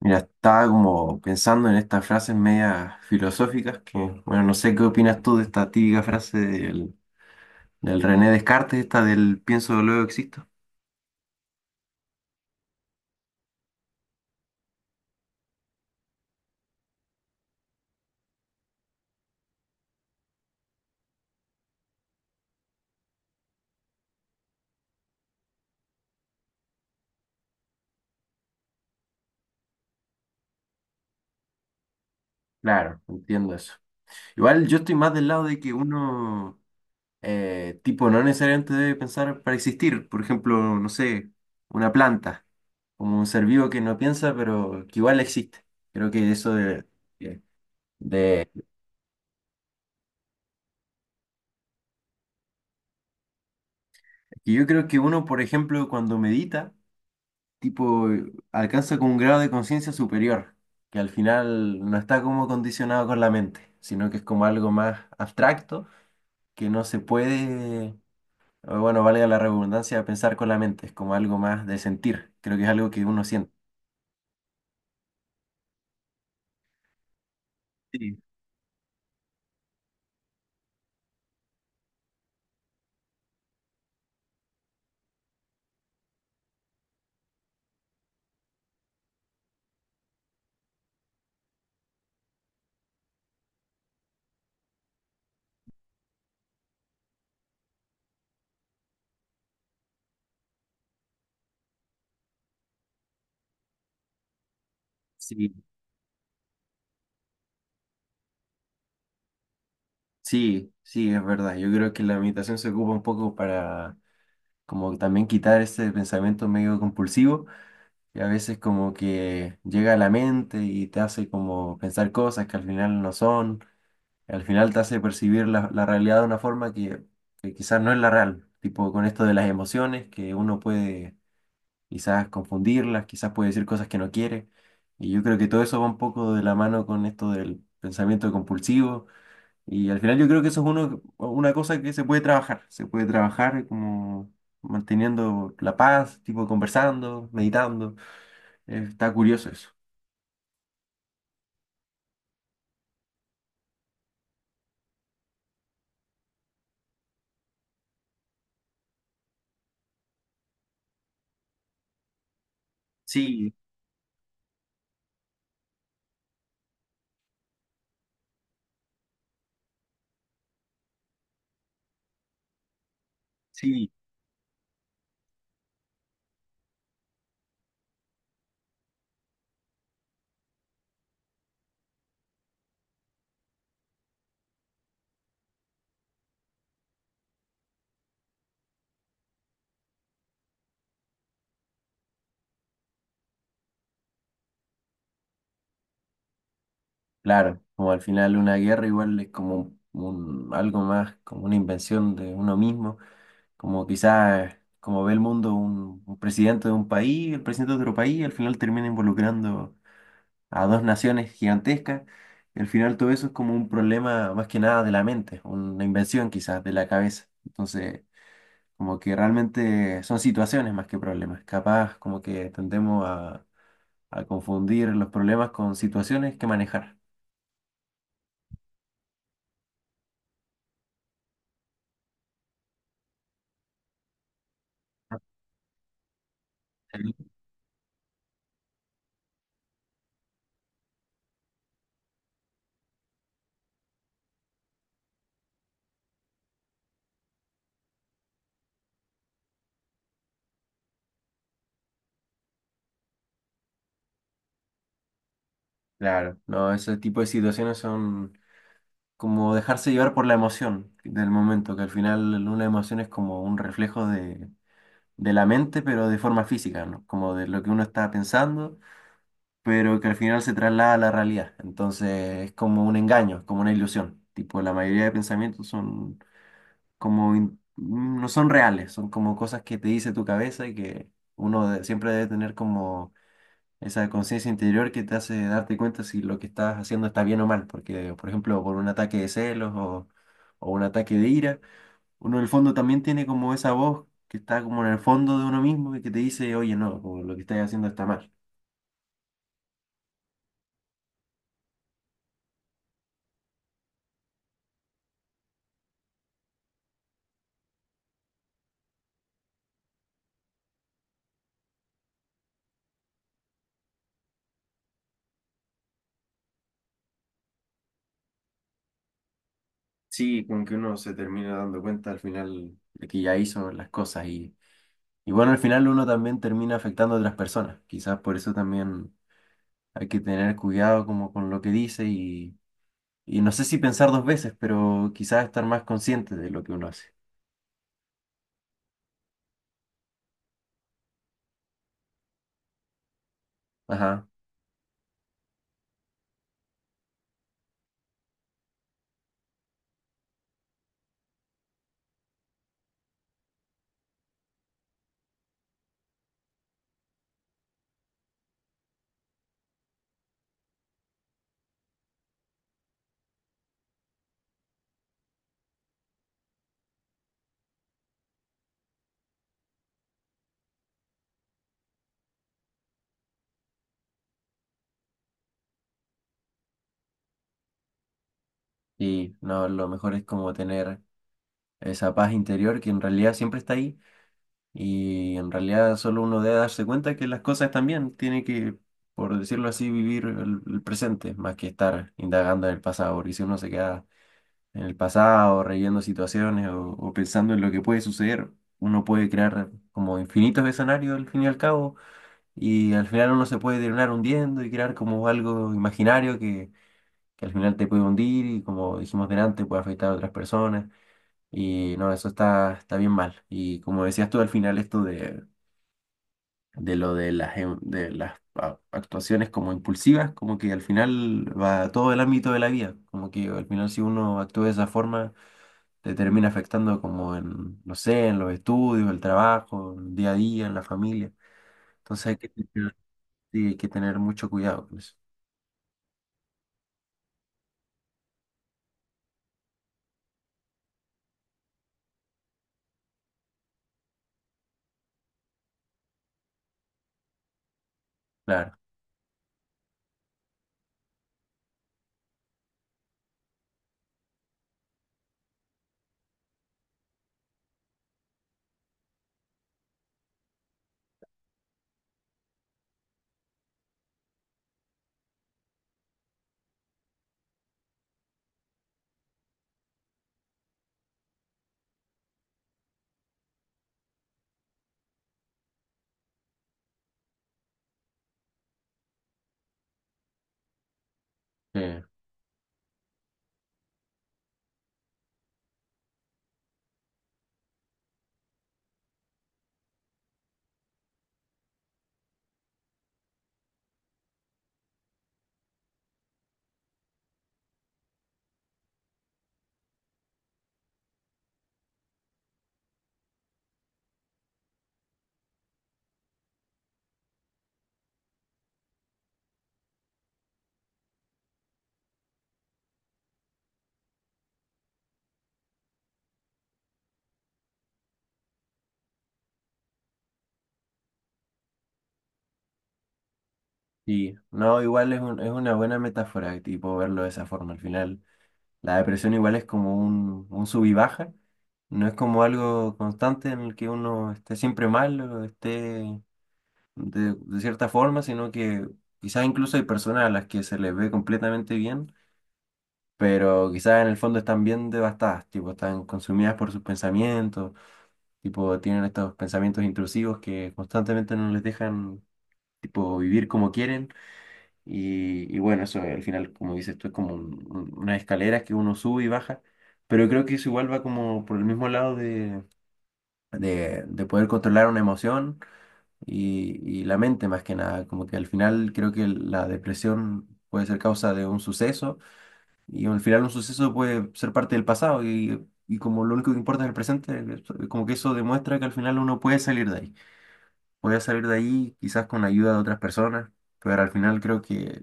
Mira, estaba como pensando en estas frases medias filosóficas que, bueno, no sé qué opinas tú de esta típica frase del René Descartes, esta del pienso, luego existo. Claro, entiendo eso. Igual yo estoy más del lado de que uno, tipo, no necesariamente debe pensar para existir. Por ejemplo, no sé, una planta, como un ser vivo que no piensa, pero que igual existe. Creo que eso de, de- Y yo creo que uno, por ejemplo, cuando medita, tipo, alcanza con un grado de conciencia superior, que al final no está como condicionado con la mente, sino que es como algo más abstracto, que no se puede, o bueno, valga la redundancia, pensar con la mente, es como algo más de sentir, creo que es algo que uno siente. Sí, sí, sí, sí, es verdad. Yo creo que la meditación se ocupa un poco para como también quitar ese pensamiento medio compulsivo, que a veces como que llega a la mente y te hace como pensar cosas que al final no son. Al final te hace percibir la realidad de una forma que quizás no es la real, tipo con esto de las emociones, que uno puede quizás confundirlas, quizás puede decir cosas que no quiere, y yo creo que todo eso va un poco de la mano con esto del pensamiento compulsivo, y al final yo creo que eso es uno, una cosa que se puede trabajar como manteniendo la paz, tipo conversando, meditando, está curioso eso. Sí, sí. Claro, como al final una guerra igual es como algo más, como una invención de uno mismo, como quizás como ve el mundo un presidente de un país, el presidente de otro país, al final termina involucrando a dos naciones gigantescas, y al final todo eso es como un problema más que nada de la mente, una invención quizás de la cabeza. Entonces, como que realmente son situaciones más que problemas, capaz como que tendemos a confundir los problemas con situaciones que manejar. Claro, no, ese tipo de situaciones son como dejarse llevar por la emoción del momento, que al final una emoción es como un reflejo de la mente, pero de forma física, ¿no? Como de lo que uno está pensando, pero que al final se traslada a la realidad. Entonces es como un engaño, es como una ilusión. Tipo, la mayoría de pensamientos son como, no son reales, son como cosas que te dice tu cabeza y que uno siempre debe tener como esa conciencia interior que te hace darte cuenta si lo que estás haciendo está bien o mal, porque, por ejemplo, por un ataque de celos o un ataque de ira, uno en el fondo también tiene como esa voz que está como en el fondo de uno mismo y que te dice, oye, no, como lo que estás haciendo está mal. Sí, como que uno se termina dando cuenta al final de que ya hizo las cosas y bueno, al final uno también termina afectando a otras personas. Quizás por eso también hay que tener cuidado como con lo que dice y no sé si pensar dos veces, pero quizás estar más consciente de lo que uno hace. Ajá. Y no, lo mejor es como tener esa paz interior que en realidad siempre está ahí y en realidad solo uno debe darse cuenta que las cosas están bien. Tiene que, por decirlo así, vivir el presente más que estar indagando en el pasado, porque si uno se queda en el pasado, reyendo situaciones o pensando en lo que puede suceder, uno puede crear como infinitos escenarios al fin y al cabo. Y al final uno se puede terminar hundiendo y crear como algo imaginario que al final te puede hundir y como dijimos delante puede afectar a otras personas. Y no, eso está bien mal. Y como decías tú al final esto de lo de las, de las actuaciones como impulsivas, como que al final va a todo el ámbito de la vida. Como que al final si uno actúa de esa forma te termina afectando como en, no sé, en los estudios, el trabajo, el día a día, en la familia. Entonces hay que tener, sí, hay que tener mucho cuidado con eso. Claro, sí, sí. No, igual es es una buena metáfora, tipo, verlo de esa forma. Al final, la depresión igual es como un, sub y baja. No es como algo constante en el que uno esté siempre mal o esté de cierta forma, sino que quizás incluso hay personas a las que se les ve completamente bien, pero quizás en el fondo están bien devastadas, tipo, están consumidas por sus pensamientos, tipo, tienen estos pensamientos intrusivos que constantemente no les dejan, tipo, vivir como quieren. Y bueno, eso al final, como dices, esto es como unas escaleras que uno sube y baja, pero creo que eso igual va como por el mismo lado de poder controlar una emoción y la mente más que nada, como que al final creo que la depresión puede ser causa de un suceso y al final un suceso puede ser parte del pasado y como lo único que importa es el presente, como que eso demuestra que al final uno puede salir de ahí. Voy a salir de ahí quizás con ayuda de otras personas, pero al final creo que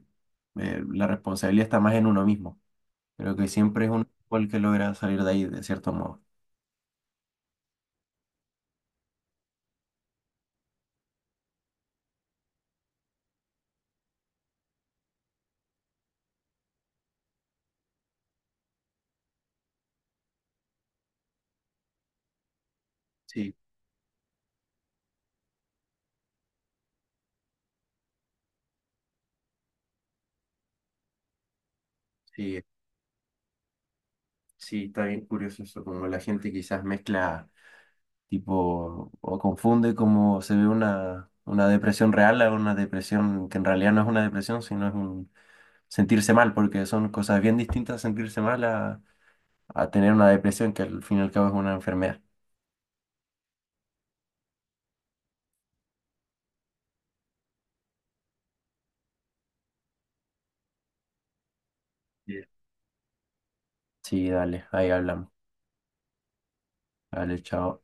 la responsabilidad está más en uno mismo. Creo que siempre es uno el que logra salir de ahí de cierto modo. Sí, sí, sí, está bien curioso eso, como la gente quizás mezcla tipo o confunde como se ve una depresión real a una depresión que en realidad no es una depresión, sino es un sentirse mal, porque son cosas bien distintas sentirse mal a tener una depresión que al fin y al cabo es una enfermedad. Sí, sí, dale, ahí hablamos. Vale, chao.